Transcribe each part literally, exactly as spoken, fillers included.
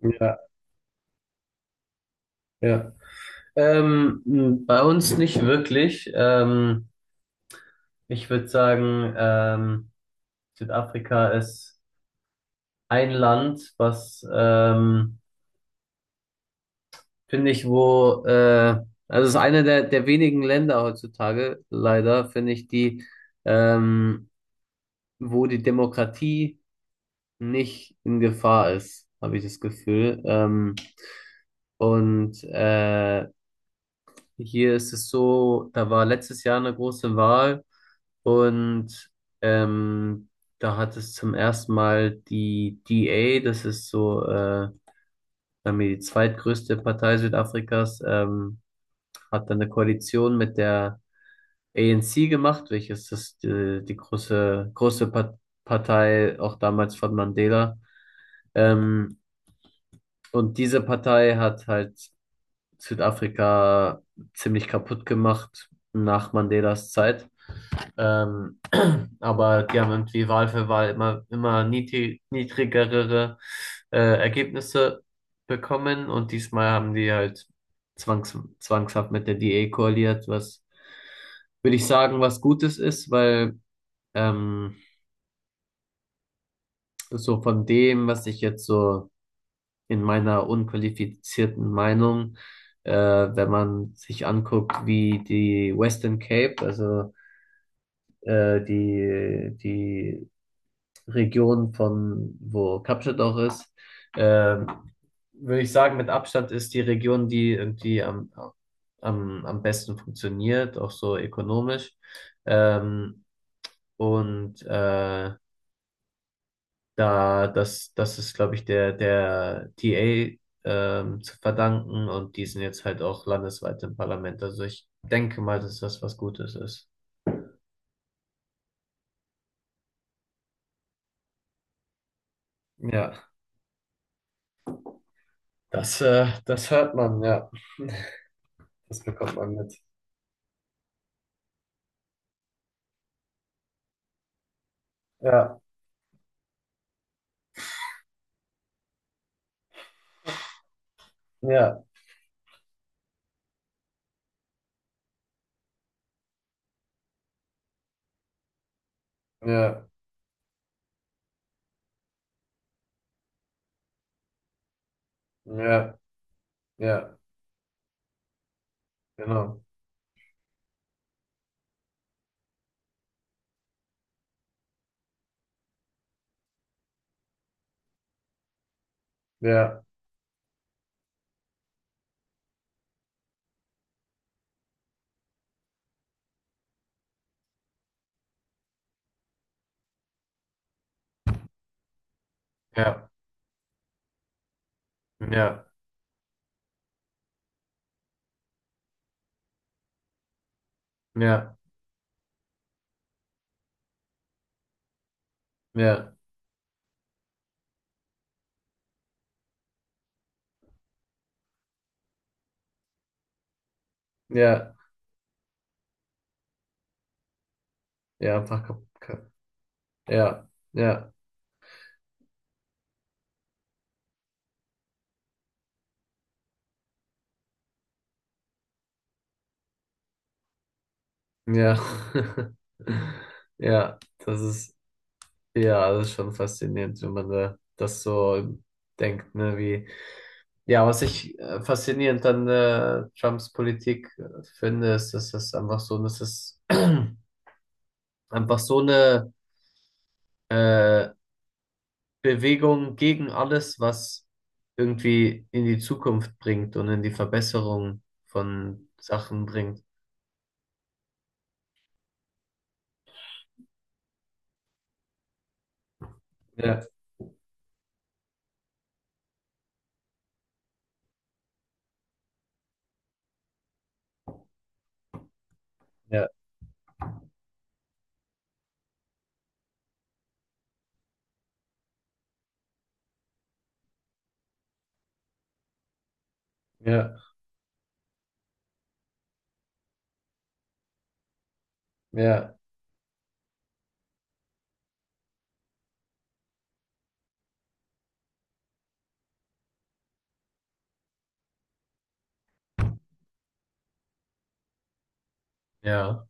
Ja, ja. Ähm, m, bei uns nicht wirklich. Ähm, ich würde sagen, ähm, Südafrika ist ein Land, was, ähm, finde ich, wo, äh, also es ist eine der, der wenigen Länder heutzutage, leider, finde ich, die, ähm, wo die Demokratie nicht in Gefahr ist, habe ich das Gefühl. Ähm, und äh, hier ist es so, da war letztes Jahr eine große Wahl und ähm, da hat es zum ersten Mal die D A, das ist so äh, sagen wir die zweitgrößte Partei Südafrikas, ähm, hat dann eine Koalition mit der A N C gemacht, welches das die, die große, große Pa- Partei auch damals von Mandela. Ähm, und diese Partei hat halt Südafrika ziemlich kaputt gemacht nach Mandelas Zeit. Ähm, aber die haben irgendwie Wahl für Wahl immer, immer niedri- niedrigere äh, Ergebnisse bekommen und diesmal haben die halt zwangs zwangshaft mit der D A koaliert, was würde ich sagen, was Gutes ist, weil ähm, so von dem, was ich jetzt so in meiner unqualifizierten Meinung, äh, wenn man sich anguckt, wie die Western Cape, also äh, die, die Region von wo Kapstadt auch ist, äh, würde ich sagen, mit Abstand ist die Region, die irgendwie am, am, am besten funktioniert, auch so ökonomisch. Ähm, und äh, da, das, das ist, glaube ich, der, der T A ähm, zu verdanken, und die sind jetzt halt auch landesweit im Parlament. Also ich denke mal, dass das was Gutes ist. Ja, das, äh, das hört man, ja. Das bekommt man mit. Ja, ja, ja, ja, ja, genau. Ja, ja, ja, ja, ja, ja, ja, einfach kaputt. Ja, ja, ja. Ja, das ist. Ja, das ist schon faszinierend, wenn man da das so denkt, ne, wie. Ja, was ich äh, faszinierend an äh, Trumps Politik äh, finde, ist, dass es einfach so, dass es einfach so eine äh, Bewegung gegen alles, was irgendwie in die Zukunft bringt und in die Verbesserung von Sachen bringt. Ja, ja, ja, ja, ja,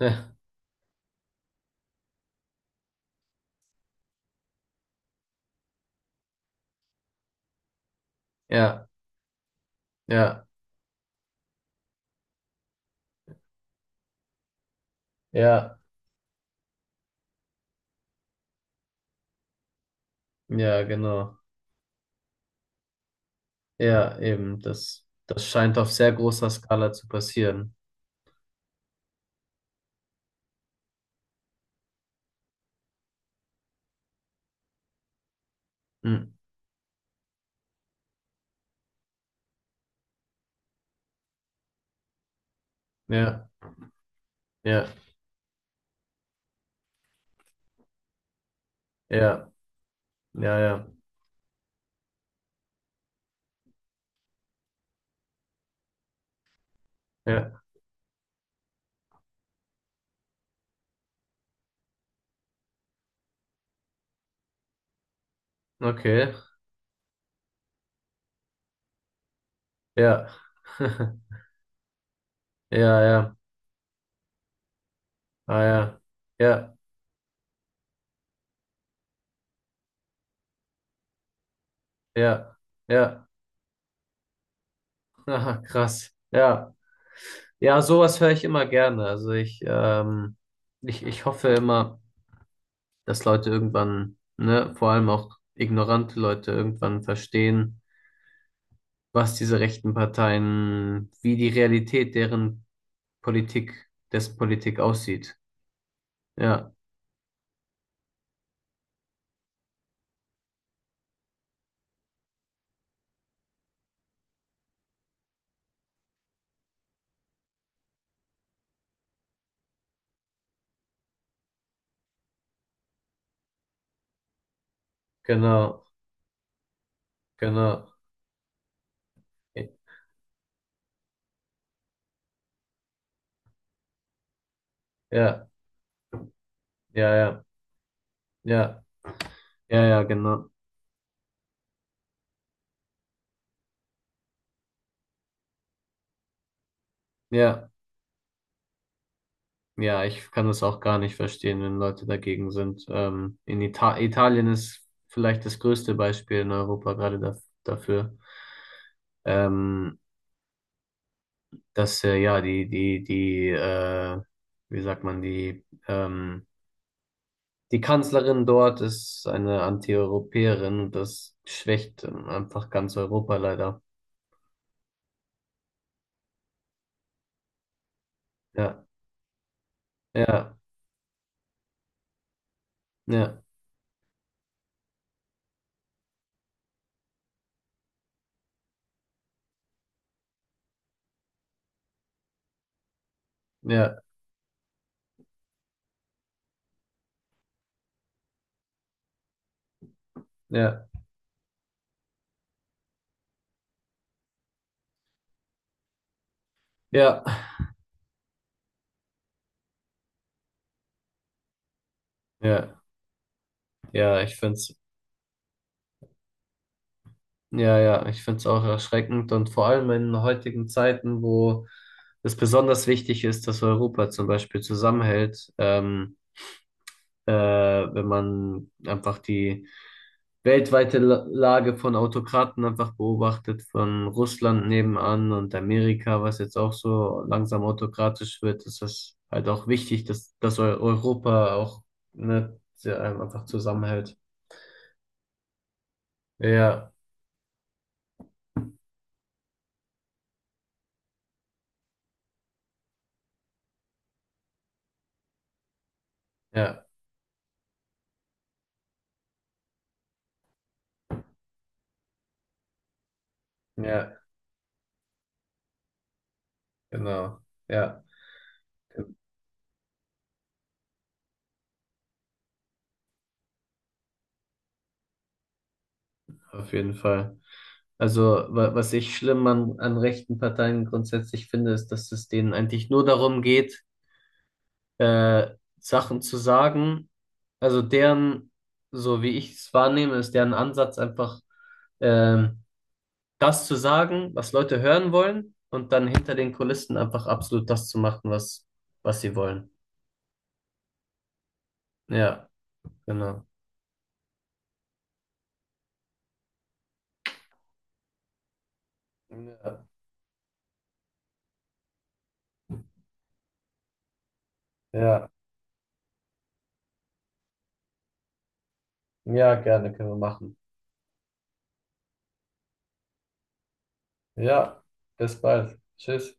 ja, ja, ja, ja, ja, genau. Ja, eben, das, das scheint auf sehr großer Skala zu passieren. Hm. Ja, ja, ja, ja, ja, ja, okay, ja, ja, ja, ah, ja, ja, ja, ja, aha, krass, ja, ja, sowas höre ich immer gerne. Also ich, ähm, ich, ich hoffe immer, dass Leute irgendwann, ne, vor allem auch ignorante Leute irgendwann verstehen, was diese rechten Parteien, wie die Realität deren Politik, dessen Politik aussieht. Ja, genau, genau. Ja, ja, ja, ja, ja, ja, genau. Ja, ja, ich kann das auch gar nicht verstehen, wenn Leute dagegen sind. Ähm, in Ita Italien ist vielleicht das größte Beispiel in Europa gerade da dafür, ähm, dass äh, ja die die die äh, wie sagt man die ähm, Die Kanzlerin dort ist eine Antieuropäerin und das schwächt ähm, einfach ganz Europa leider. Ja, ja, ja, ja, ja, ja, ja, ja, ich find's, ja, ja, ich find's auch erschreckend und vor allem in heutigen Zeiten, wo es besonders wichtig ist, dass Europa zum Beispiel zusammenhält, ähm, äh, wenn man einfach die weltweite La- Lage von Autokraten einfach beobachtet, von Russland nebenan und Amerika, was jetzt auch so langsam autokratisch wird, ist das halt auch wichtig, dass, dass Eu- Europa auch, ne, sehr einfach zusammenhält. Ja, ja, ja, genau. Ja, genau, auf jeden Fall. Also, wa- was ich schlimm an, an rechten Parteien grundsätzlich finde, ist, dass es denen eigentlich nur darum geht, äh, Sachen zu sagen. Also deren, so wie ich es wahrnehme, ist deren Ansatz einfach ähm, das zu sagen, was Leute hören wollen, und dann hinter den Kulissen einfach absolut das zu machen, was, was sie wollen. Ja, genau. Ja, ja, ja, gerne können wir machen. Ja, bis bald. Tschüss.